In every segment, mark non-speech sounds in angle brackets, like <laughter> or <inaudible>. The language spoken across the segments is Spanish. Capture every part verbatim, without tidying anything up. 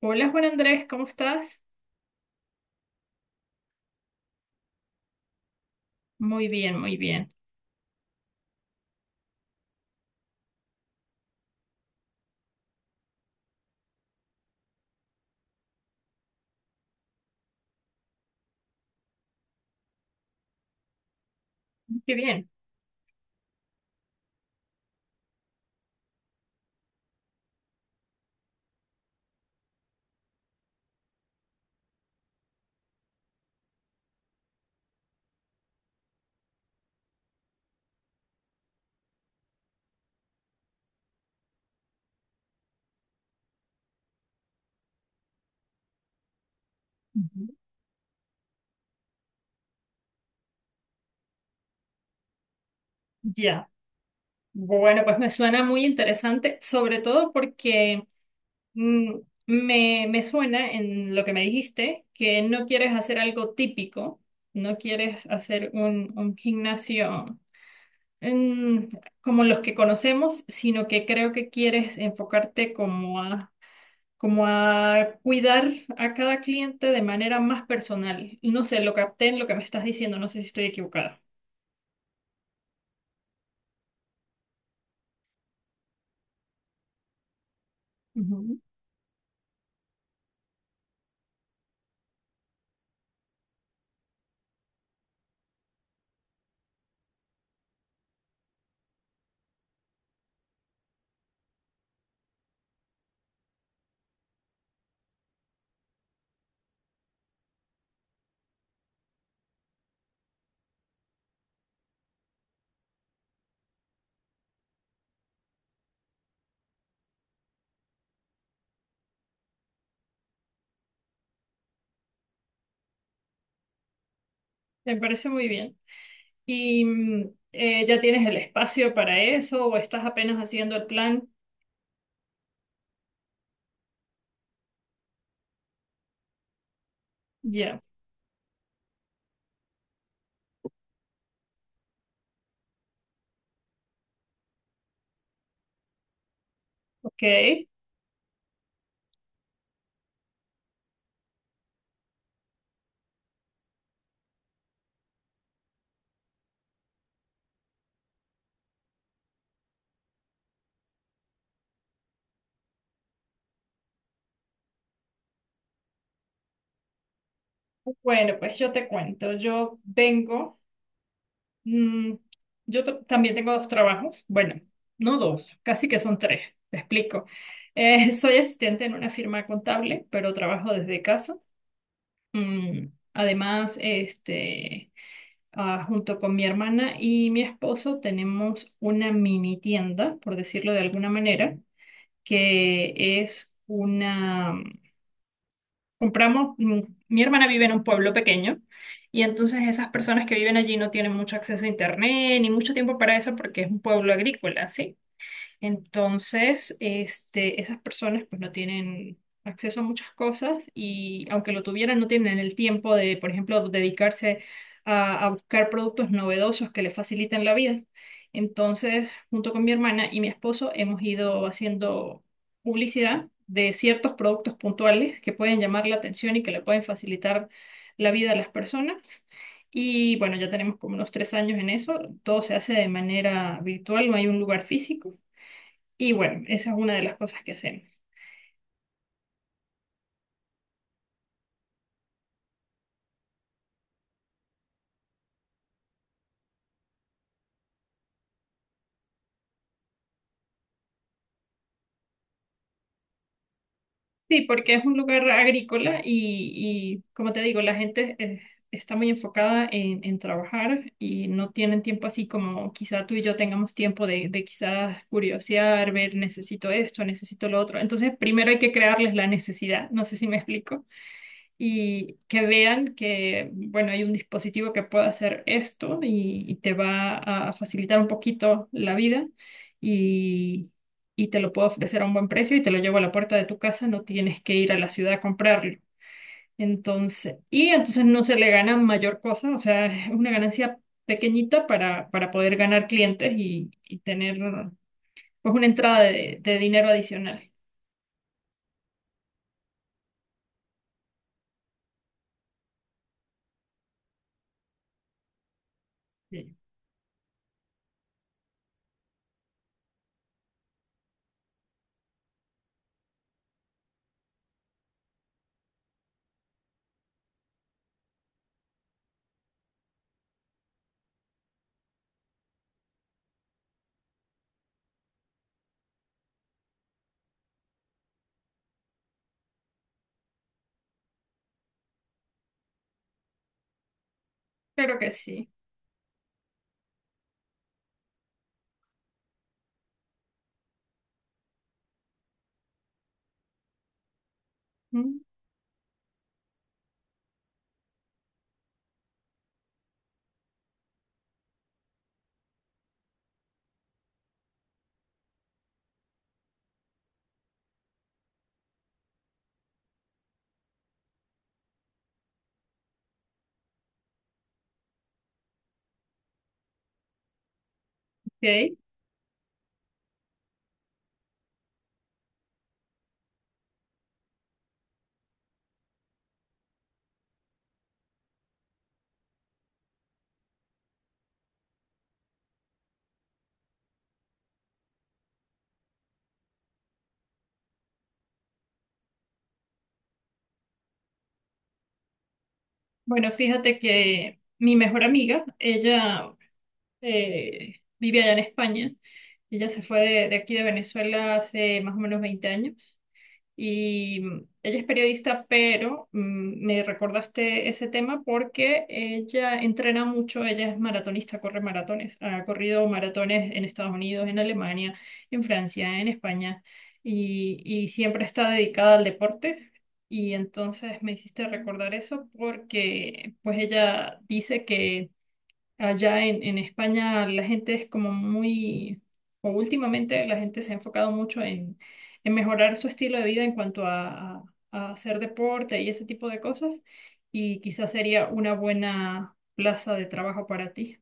Hola Juan Andrés, ¿cómo estás? Muy bien, muy bien. Qué bien. Ujú. Ya. Bueno, pues me suena muy interesante, sobre todo porque mm, me, me suena en lo que me dijiste, que no quieres hacer algo típico, no quieres hacer un, un gimnasio mm, como los que conocemos, sino que creo que quieres enfocarte como a como a cuidar a cada cliente de manera más personal. No sé, lo capté en lo que me estás diciendo, no sé si estoy equivocada. Ujú. Me parece muy bien. ¿Y mm, eh, ya tienes el espacio para eso o estás apenas haciendo el plan? Ya, ok. Bueno, pues yo te cuento. Yo vengo, mm, yo t- también tengo dos trabajos. Bueno, no dos, casi que son tres. Te explico. Eh, <laughs> soy asistente en una firma contable, pero trabajo desde casa. Mm, Además, este, ah, junto con mi hermana y mi esposo tenemos una mini tienda, por decirlo de alguna manera, que es una... Compramos, mm, mi hermana vive en un pueblo pequeño y entonces esas personas que viven allí no tienen mucho acceso a internet ni mucho tiempo para eso porque es un pueblo agrícola, ¿sí? Entonces, este, esas personas pues no tienen acceso a muchas cosas y aunque lo tuvieran, no tienen el tiempo de, por ejemplo, dedicarse a, a buscar productos novedosos que les faciliten la vida. Entonces, junto con mi hermana y mi esposo, hemos ido haciendo publicidad de ciertos productos puntuales que pueden llamar la atención y que le pueden facilitar la vida a las personas. Y bueno, ya tenemos como unos tres años en eso. Todo se hace de manera virtual, no hay un lugar físico. Y bueno, esa es una de las cosas que hacemos. Sí, porque es un lugar agrícola y, y como te digo, la gente eh, está muy enfocada en, en trabajar y no tienen tiempo así como quizá tú y yo tengamos tiempo de, de quizás curiosear, ver, necesito esto, necesito lo otro. Entonces, primero hay que crearles la necesidad, no sé si me explico. Y que vean que, bueno, hay un dispositivo que puede hacer esto y, y te va a facilitar un poquito la vida y, y te lo puedo ofrecer a un buen precio y te lo llevo a la puerta de tu casa, no tienes que ir a la ciudad a comprarlo. Entonces, y entonces no se le gana mayor cosa, o sea, es una ganancia pequeñita para, para poder ganar clientes y, y tener pues una entrada de, de dinero adicional. Sí. Claro que sí. Mm, Ok. Bueno, fíjate que mi mejor amiga, ella eh, vive allá en España. Ella se fue de, de aquí de Venezuela hace más o menos veinte años. Y mm, ella es periodista, pero mm, me recordaste ese tema porque ella entrena mucho, ella es maratonista, corre maratones, ha corrido maratones en Estados Unidos, en Alemania, en Francia, en España, y, y siempre está dedicada al deporte. Y entonces me hiciste recordar eso porque pues ella dice que allá en, en España la gente es como muy, o últimamente la gente se ha enfocado mucho en, en mejorar su estilo de vida en cuanto a, a- a hacer deporte y ese tipo de cosas, y quizás sería una buena plaza de trabajo para ti.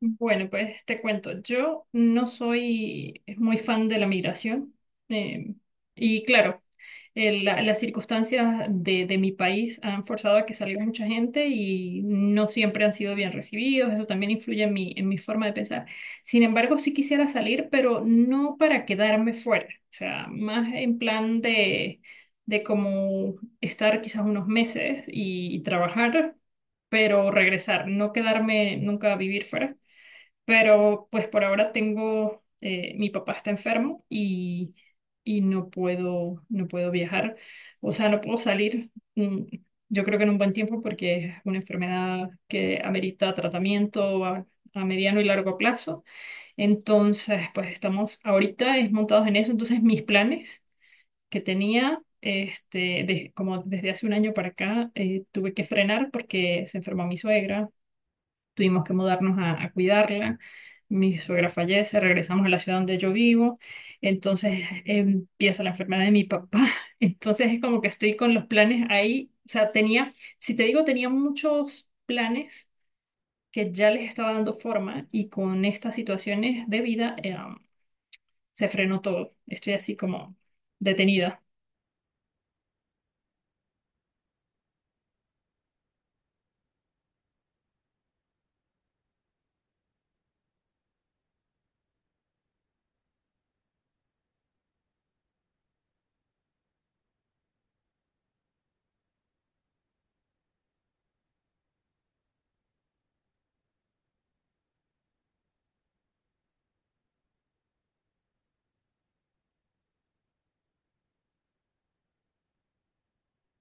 Bueno, pues te cuento, yo no soy muy fan de la migración eh, y claro, el- la- las circunstancias de, de mi país han forzado a que salga mucha gente y no siempre han sido bien recibidos, eso también influye en mi, en mi forma de pensar. Sin embargo, sí quisiera salir, pero no para quedarme fuera, o sea, más en plan de, de como estar quizás unos meses y trabajar, pero regresar, no quedarme nunca a vivir fuera. Pero pues por ahora tengo, eh, mi papá está enfermo y, y no puedo, no puedo viajar, o sea, no puedo salir, mm, yo creo que en un buen tiempo porque es una enfermedad que amerita tratamiento a, a mediano y largo plazo. Entonces, pues estamos ahorita es montados en eso. Entonces, mis planes que tenía, este, de- como desde hace un año para acá, eh, tuve que frenar porque se enfermó mi suegra, tuvimos que mudarnos a, a cuidarla. Mi suegra fallece, regresamos a la ciudad donde yo vivo, entonces empieza la enfermedad de mi papá. <laughs> Entonces es como que estoy con los planes ahí. O sea, tenía, si te digo, tenía muchos planes que ya les estaba dando forma y con estas situaciones de vida eh, se frenó todo. Estoy así como detenida.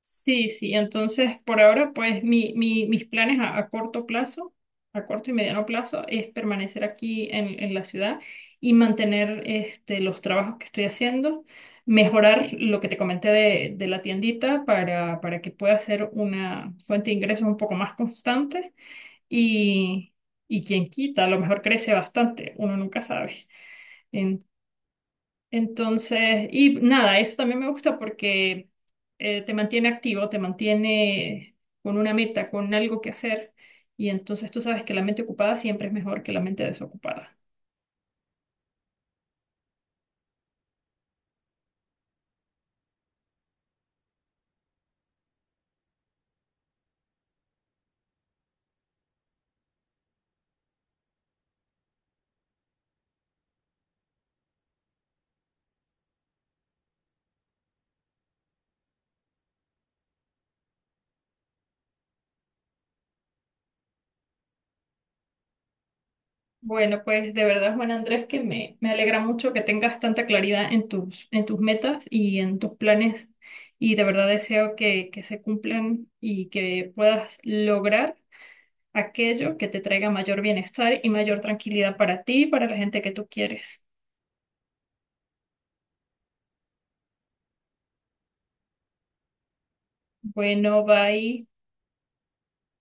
Sí, sí, entonces por ahora pues mi, mi- mis planes a, a corto plazo, a corto y mediano plazo es permanecer aquí en, en la ciudad y mantener este, los trabajos que estoy haciendo, mejorar lo que te comenté de, de la tiendita para, para que pueda ser una fuente de ingresos un poco más constante y, y quien quita, a lo mejor crece bastante, uno nunca sabe. Entonces, y nada, eso también me gusta porque eh, te mantiene activo, te mantiene con una meta, con algo que hacer. Y entonces tú sabes que la mente ocupada siempre es mejor que la mente desocupada. Bueno, pues de verdad, Juan Andrés, que me, me alegra mucho que tengas tanta claridad en tus, en tus metas y en tus planes. Y de verdad deseo que, que se cumplan y que puedas lograr aquello que te traiga mayor bienestar y mayor tranquilidad para ti y para la gente que tú quieres. Bueno, bye.